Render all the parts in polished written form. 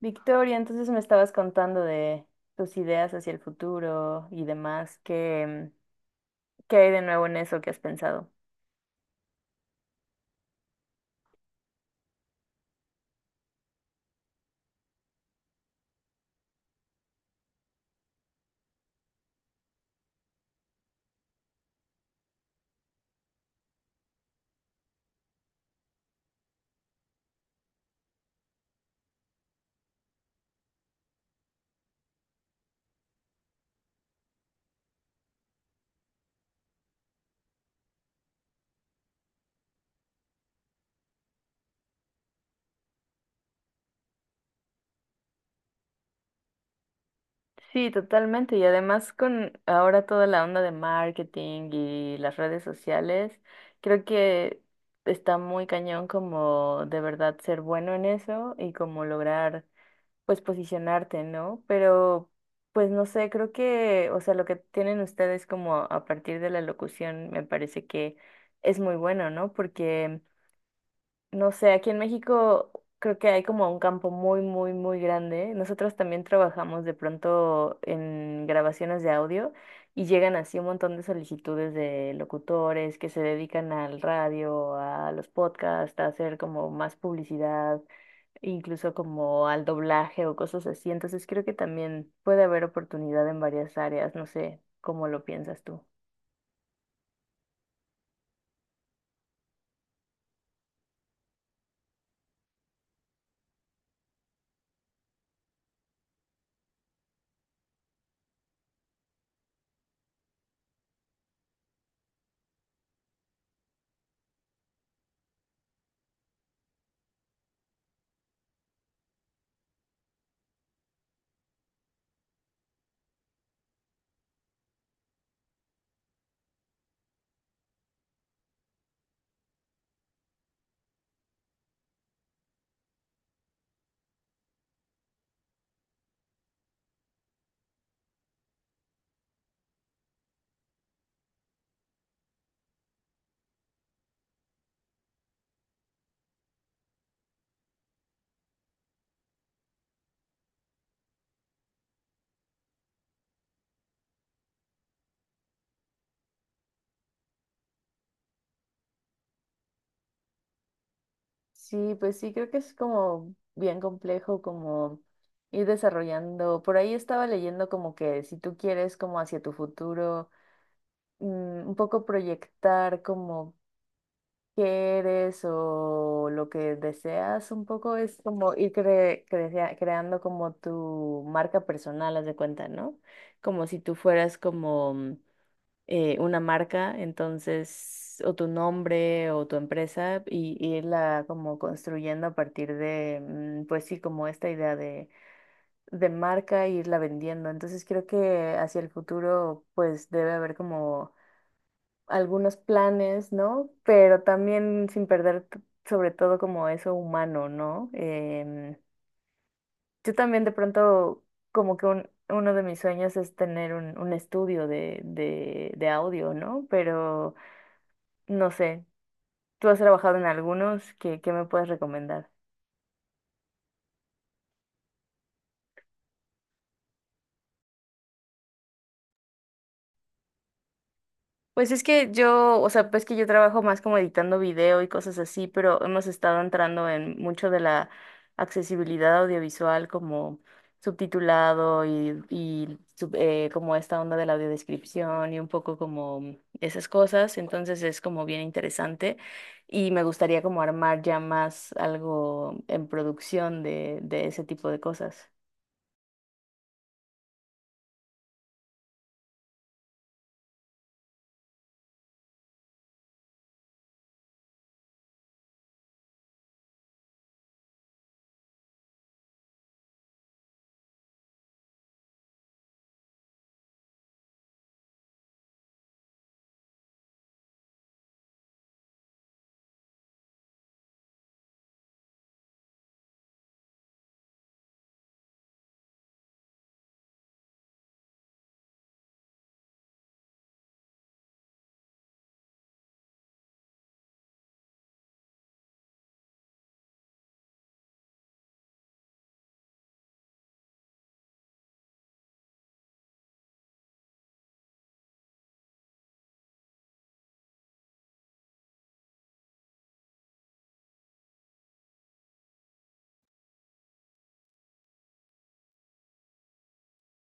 Victoria, entonces me estabas contando de tus ideas hacia el futuro y demás. ¿Qué hay de nuevo en eso que has pensado? Sí, totalmente. Y además con ahora toda la onda de marketing y las redes sociales, creo que está muy cañón como de verdad ser bueno en eso y como lograr pues posicionarte, ¿no? Pero pues no sé, creo que, o sea, lo que tienen ustedes como a partir de la locución me parece que es muy bueno, ¿no? Porque, no sé, aquí en México creo que hay como un campo muy grande. Nosotros también trabajamos de pronto en grabaciones de audio y llegan así un montón de solicitudes de locutores que se dedican al radio, a los podcasts, a hacer como más publicidad incluso como al doblaje o cosas así. Entonces creo que también puede haber oportunidad en varias áreas, no sé cómo lo piensas tú. Sí, pues sí, creo que es como bien complejo como ir desarrollando. Por ahí estaba leyendo como que si tú quieres como hacia tu futuro, un poco proyectar como quieres o lo que deseas un poco es como ir creando como tu marca personal, haz de cuenta, ¿no? Como si tú fueras como una marca, entonces, o tu nombre o tu empresa y irla como construyendo a partir de, pues sí, como esta idea de marca e irla vendiendo. Entonces creo que hacia el futuro pues debe haber como algunos planes, ¿no? Pero también sin perder sobre todo como eso humano, ¿no? Yo también de pronto como que uno de mis sueños es tener un estudio de audio, ¿no? Pero no sé, ¿tú has trabajado en algunos? ¿Qué me puedes recomendar? Pues es que yo, o sea, pues que yo trabajo más como editando video y cosas así, pero hemos estado entrando en mucho de la accesibilidad audiovisual como subtitulado y como esta onda de la audiodescripción y un poco como esas cosas, entonces es como bien interesante y me gustaría como armar ya más algo en producción de ese tipo de cosas.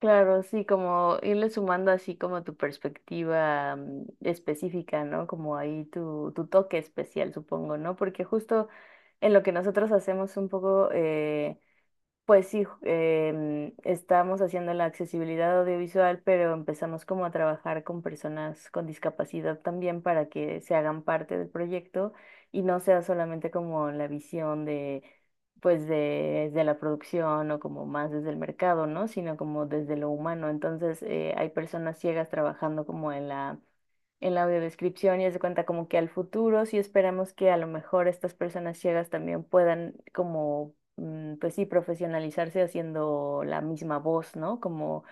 Claro, sí, como irle sumando así como tu perspectiva específica, ¿no? Como ahí tu, tu toque especial, supongo, ¿no? Porque justo en lo que nosotros hacemos un poco, pues sí, estamos haciendo la accesibilidad audiovisual, pero empezamos como a trabajar con personas con discapacidad también para que se hagan parte del proyecto y no sea solamente como la visión de, pues de la producción o como más desde el mercado, ¿no? Sino como desde lo humano. Entonces, hay personas ciegas trabajando como en la audiodescripción y haz de cuenta como que al futuro sí esperamos que a lo mejor estas personas ciegas también puedan como, pues sí, profesionalizarse haciendo la misma voz, ¿no? Como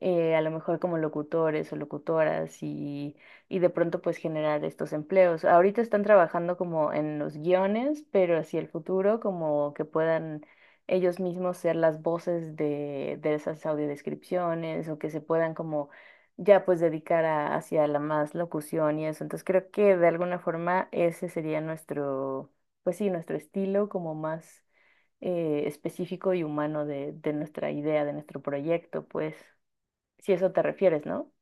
a lo mejor como locutores o locutoras y de pronto pues generar estos empleos. Ahorita están trabajando como en los guiones, pero hacia el futuro como que puedan ellos mismos ser las voces de esas audiodescripciones o que se puedan como ya pues dedicar hacia la más locución y eso. Entonces creo que de alguna forma ese sería nuestro, pues sí, nuestro estilo como más específico y humano de nuestra idea, de nuestro proyecto, pues si eso te refieres, ¿no?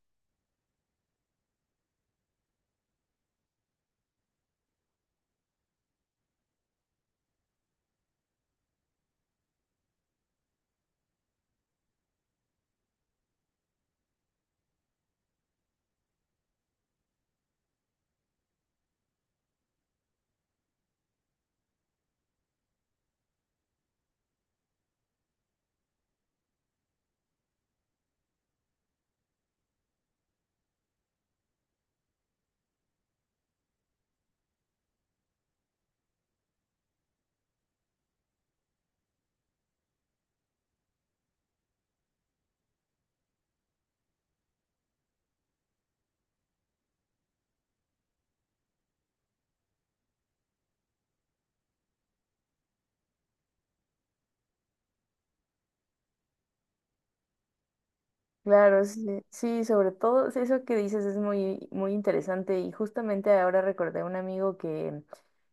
Claro, sí, sí, sobre todo sí, eso que dices es muy interesante y justamente ahora recordé a un amigo que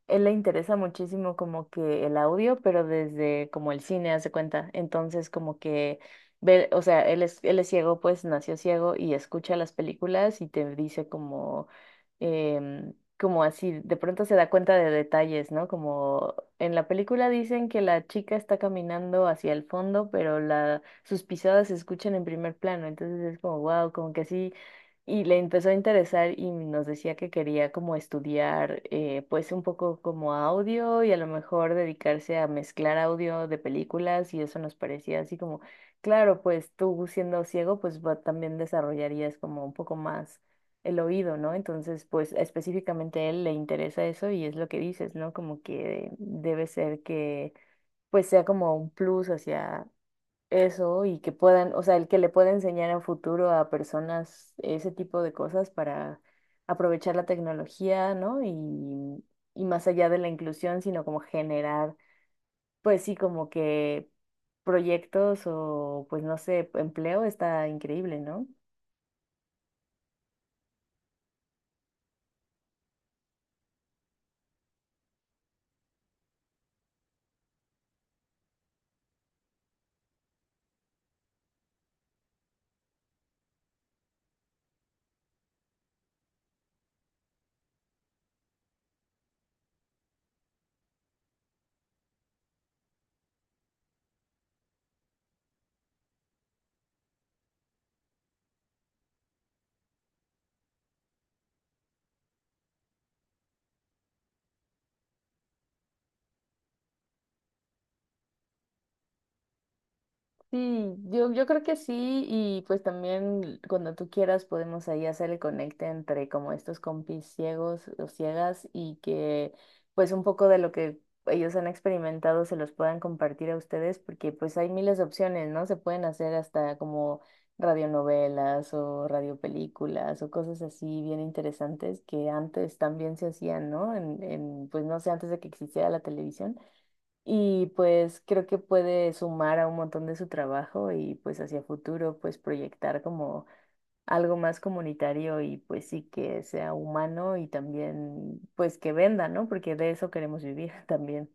él le interesa muchísimo como que el audio, pero desde como el cine, hace cuenta. Entonces como que ve, o sea, él es ciego, pues nació ciego y escucha las películas y te dice como, em, como así, de pronto se da cuenta de detalles, ¿no? Como en la película dicen que la chica está caminando hacia el fondo, pero la, sus pisadas se escuchan en primer plano, entonces es como, wow, como que así y le empezó a interesar y nos decía que quería como estudiar, pues un poco como audio y a lo mejor dedicarse a mezclar audio de películas y eso nos parecía así como, claro, pues tú siendo ciego, pues también desarrollarías como un poco más el oído, ¿no? Entonces, pues específicamente a él le interesa eso y es lo que dices, ¿no? Como que debe ser que pues sea como un plus hacia eso y que puedan, o sea, el que le pueda enseñar en futuro a personas ese tipo de cosas para aprovechar la tecnología, ¿no? Y más allá de la inclusión, sino como generar, pues sí, como que proyectos o pues no sé, empleo está increíble, ¿no? Sí, yo creo que sí, y pues también cuando tú quieras podemos ahí hacer el conecte entre como estos compis ciegos o ciegas y que pues un poco de lo que ellos han experimentado se los puedan compartir a ustedes porque pues hay miles de opciones, ¿no? Se pueden hacer hasta como radionovelas o radiopelículas o cosas así bien interesantes que antes también se hacían, ¿no? En pues no sé, antes de que existiera la televisión y pues creo que puede sumar a un montón de su trabajo y pues hacia futuro pues proyectar como algo más comunitario y pues sí que sea humano y también pues que venda, ¿no? Porque de eso queremos vivir también.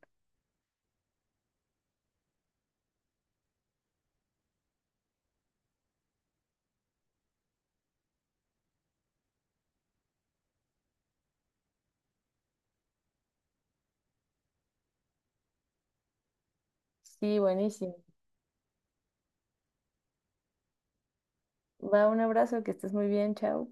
Sí, buenísimo. Va, un abrazo, que estés muy bien, chao.